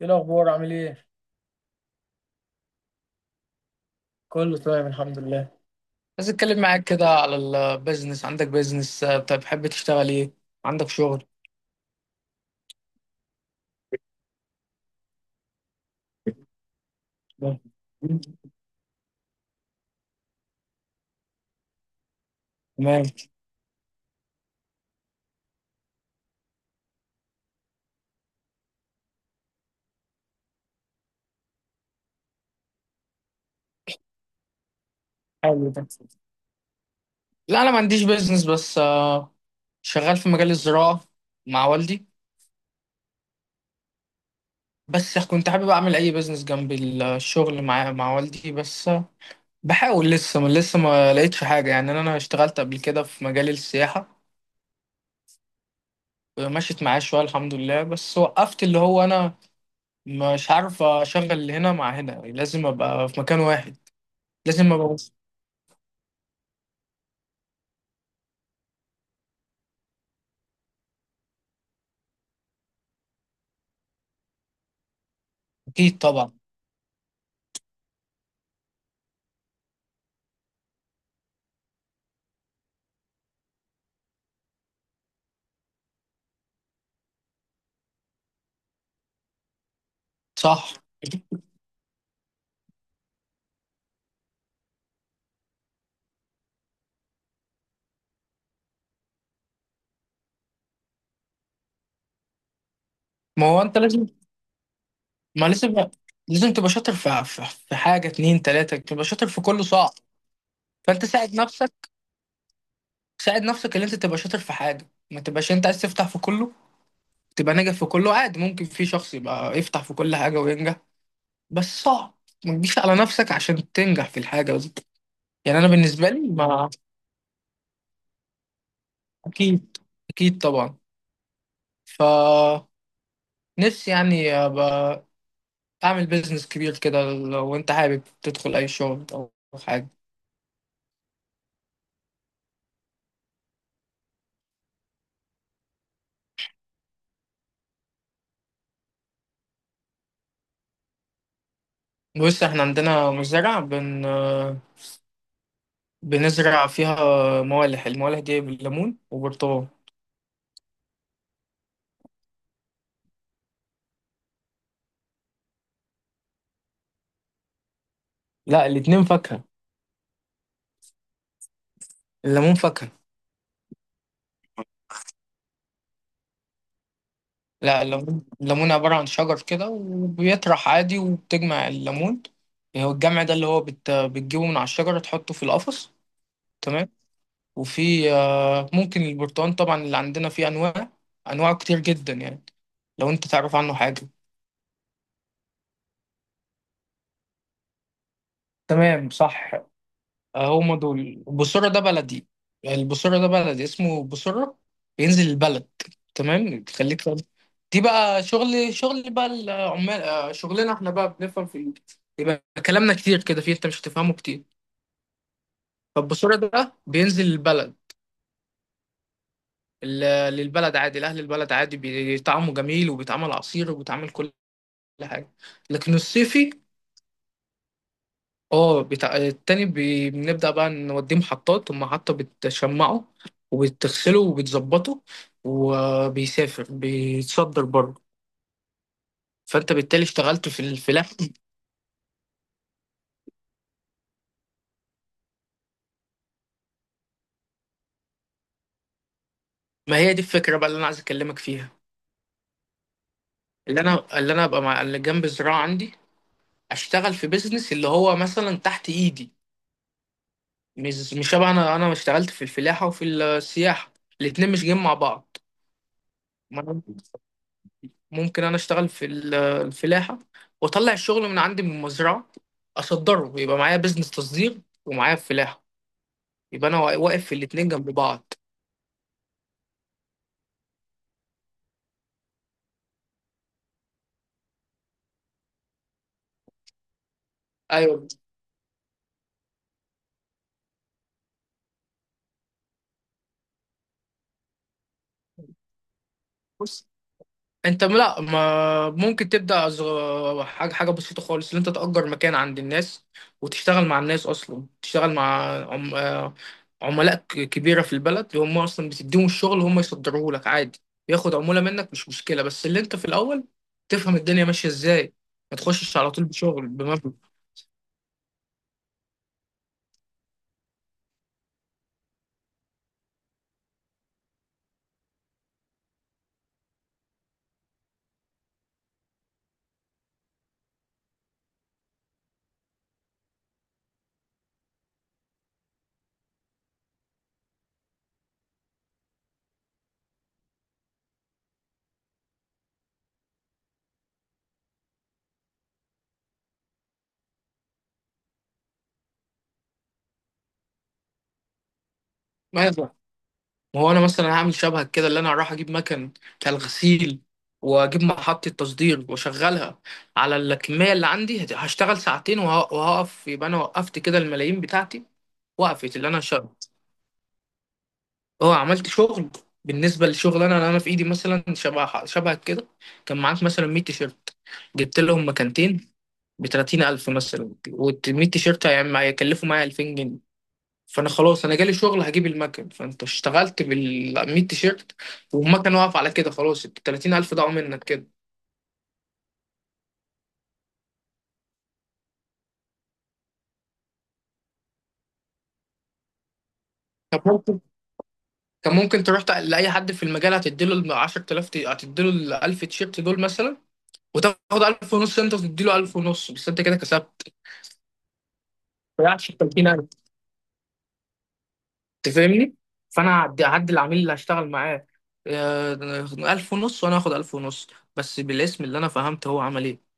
ايه الاخبار؟ عامل ايه؟ كله تمام، الحمد لله. عايز اتكلم معاك كده على البيزنس. عندك بيزنس؟ طب بتحب تشتغل ايه؟ عندك شغل؟ تمام. حلو ده. لا، انا ما عنديش بيزنس بس شغال في مجال الزراعة مع والدي. بس كنت حابب اعمل اي بيزنس جنب الشغل مع والدي بس بحاول لسه. ما لقيتش حاجة. يعني انا اشتغلت قبل كده في مجال السياحة، ومشيت معايا شوية الحمد لله، بس وقفت. اللي هو انا مش عارف اشغل هنا مع هنا، لازم ابقى في مكان واحد. لازم ابقى. اكيد طبعا. صح. ما هو انت لازم، ما لازم، لازم تبقى شاطر في حاجه اتنين تلاته، تبقى شاطر في كله صعب. فانت ساعد نفسك، ساعد نفسك ان انت تبقى شاطر في حاجه، ما تبقاش انت عايز تفتح في كله تبقى ناجح في كله. عادي، ممكن في شخص يبقى يفتح في كل حاجه وينجح، بس صعب. ما تجيش على نفسك عشان تنجح في الحاجه دي. يعني انا بالنسبه لي ما، اكيد، اكيد طبعا. ف نفسي يعني ابقى تعمل بيزنس كبير كده. لو انت حابب تدخل اي شغل او حاجه، بص احنا عندنا مزرعه بنزرع فيها موالح. الموالح دي بالليمون وبرتقال. لا، الاتنين فاكهه، الليمون فاكهه. لا، الليمون عباره عن شجر كده، وبيطرح عادي، وبتجمع الليمون. هو الجمع ده اللي هو بتجيبه من على الشجره، تحطه في القفص. تمام. وفي ممكن البرتقال طبعا، اللي عندنا فيه انواع. انواع كتير جدا يعني، لو انت تعرف عنه حاجه. تمام، صح. هم دول بوسورة، ده بلدي. البوسورة ده بلدي، اسمه بوسورة. بينزل البلد. تمام، تخليك فاهم. دي بقى شغل، بقى العمال شغلنا احنا بقى، بنفهم في يبقى كلامنا كتير كده فيه، انت مش هتفهمه كتير. فالبوسورة ده بينزل البلد، للبلد عادي، لأهل البلد عادي، بيطعمه جميل، وبيتعمل عصير، وبيتعمل كل حاجة. لكن الصيفي، اه بتاع التاني بنبدأ بقى نوديه محطات، المحطة بتشمعه وبتغسله وبتظبطه، وبيسافر بيتصدر بره. فانت بالتالي اشتغلت في الفلاح. ما هي دي الفكرة بقى اللي انا عايز اكلمك فيها. اللي انا ابقى مع اللي جنب الزراعة عندي اشتغل في بيزنس اللي هو مثلا تحت ايدي. مش شبه انا اشتغلت في الفلاحة وفي السياحة، الاتنين مش جايين مع بعض. ما أنا- ممكن انا اشتغل في الفلاحه، واطلع الشغل من عندي من المزرعه اصدره، يبقى معايا بزنس تصدير ومعايا فلاحه، يبقى انا واقف في الاتنين جنب بعض. ايوه. بص انت لا، ما ممكن تبدا حاجه حاجه بسيطه خالص، ان انت تاجر مكان عند الناس، وتشتغل مع الناس، اصلا تشتغل مع عم... آه، عملاء كبيره في البلد، اللي هم اصلا بتديهم الشغل هم يصدروه لك عادي، ياخد عموله منك مش مشكله. بس اللي انت في الاول تفهم الدنيا ماشيه ازاي، ما تخشش على طول بشغل بمبلغ. ما هو انا مثلا هعمل شبهك كده، اللي انا هروح اجيب مكن بتاع الغسيل، واجيب محطة تصدير واشغلها على الكمية اللي عندي. هشتغل ساعتين وهقف، يبقى انا وقفت كده الملايين بتاعتي. وقفت اللي انا شغل. اه، عملت شغل. بالنسبة للشغل، انا اللي انا في ايدي مثلا شبه شبهك كده، كان معاك مثلا 100 تيشيرت، جبت لهم مكانتين ب 30,000 مثلا، وال 100 تيشيرت هيكلفوا معايا 2000 جنيه، فانا خلاص انا جالي شغل هجيب المكن. فانت اشتغلت بال 100 تيشيرت، والمكن واقف على كده، خلاص ال 30,000 ضاعوا منك كده. طب ممكن، كان ممكن تروح لاي حد في المجال هتديله ال 10,000 هتديله ال 1000 تيشيرت دول مثلا، وتاخد 1000 ونص انت، وتديله 1000 ونص، بس انت كده كسبت، ما ضيعتش ال 30,000. انت فاهمني؟ فانا هعدي العميل اللي هشتغل معاه آه، 1000 ونص، وانا هاخد 1000 ونص، بس بالاسم، اللي انا فهمت هو عمل ايه.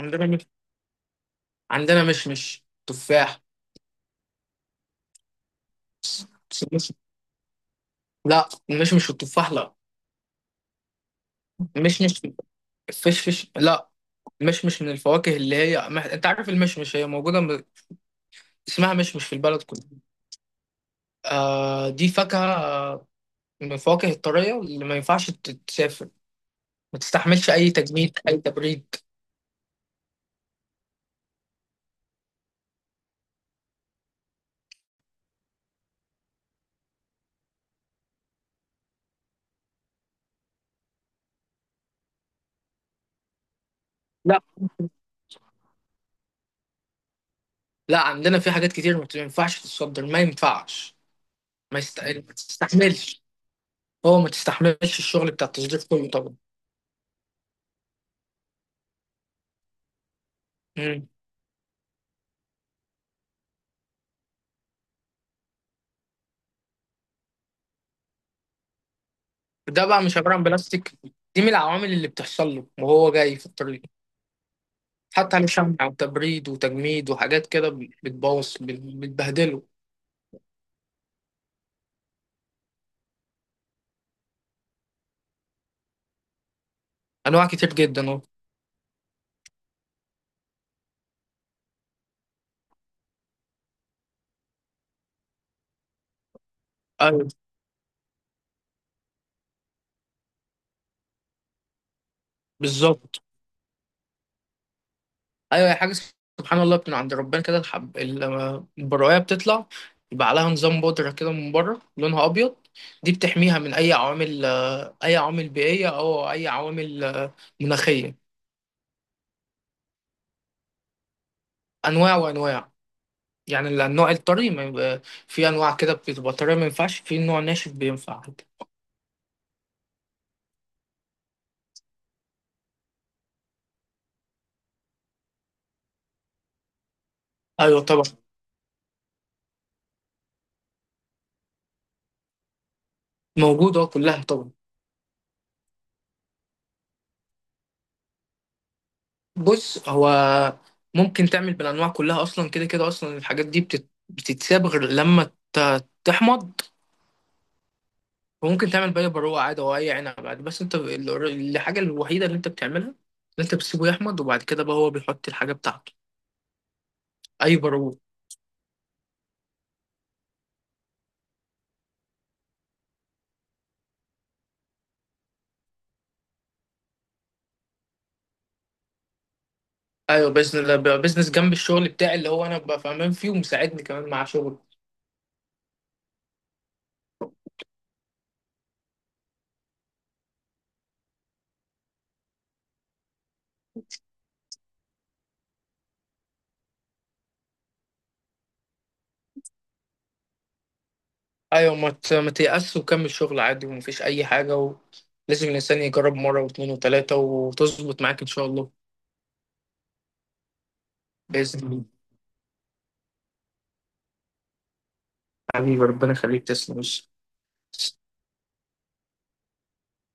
عندنا مش عندنا مشمش، تفاح. لا، مش التفاح. لا، مش الفشفش، لا، مش من الفواكه، اللي هي ما... انت عارف المشمش، هي موجوده، اسمها مشمش في البلد كلها. آه دي فاكهه. من الفواكه الطريه اللي ما ينفعش تتسافر، ما تستحملش اي تجميد اي تبريد. لا لا، عندنا في حاجات كتير ما ينفعش تتصدر، ما ينفعش. ما تستحملش. هو ما تستحملش الشغل بتاع التصدير كله طبعا. مم. ده بقى مش عباره عن بلاستيك، دي من العوامل اللي بتحصل له وهو جاي في الطريق، حتى عليه شمع وتبريد وتجميد وحاجات كده، بتبوظ بتبهدله. انواع كتير جدا اهو. ايوه، بالظبط. ايوه، هي حاجه سبحان الله من عند ربنا كده. الحب لما البرايه بتطلع يبقى عليها نظام بودره كده من بره لونها ابيض، دي بتحميها من اي عوامل، اي عوامل بيئيه او اي عوامل مناخيه. انواع وانواع، يعني النوع الطري ما يبقى. في انواع كده بتبقى طريه ما ينفعش، في نوع ناشف بينفع عادي. ايوه طبعا. موجوده كلها طبعا. بص هو ممكن تعمل بالانواع كلها اصلا. كده كده اصلا الحاجات دي بتتساب غير لما ت... تحمض. وممكن تعمل بقى بروقه عادي، او اي عنب عادي، بس انت الحاجه الوحيده اللي انت بتعملها، ان انت بتسيبه يحمض، وبعد كده بقى هو بيحط الحاجه بتاعته. اي بروق. ايوه، بزنس جنب الشغل بتاعي، اللي هو انا ببقى فاهمان فيه ومساعدني كمان مع شغل. ايوه، ما تيأس، وكمل شغل عادي، ومفيش اي حاجه و... لازم الانسان يجرب مره واثنين وثلاثه، وتظبط معاك ان شاء الله. باذن الله. حبيبي ربنا يخليك، تسلم وش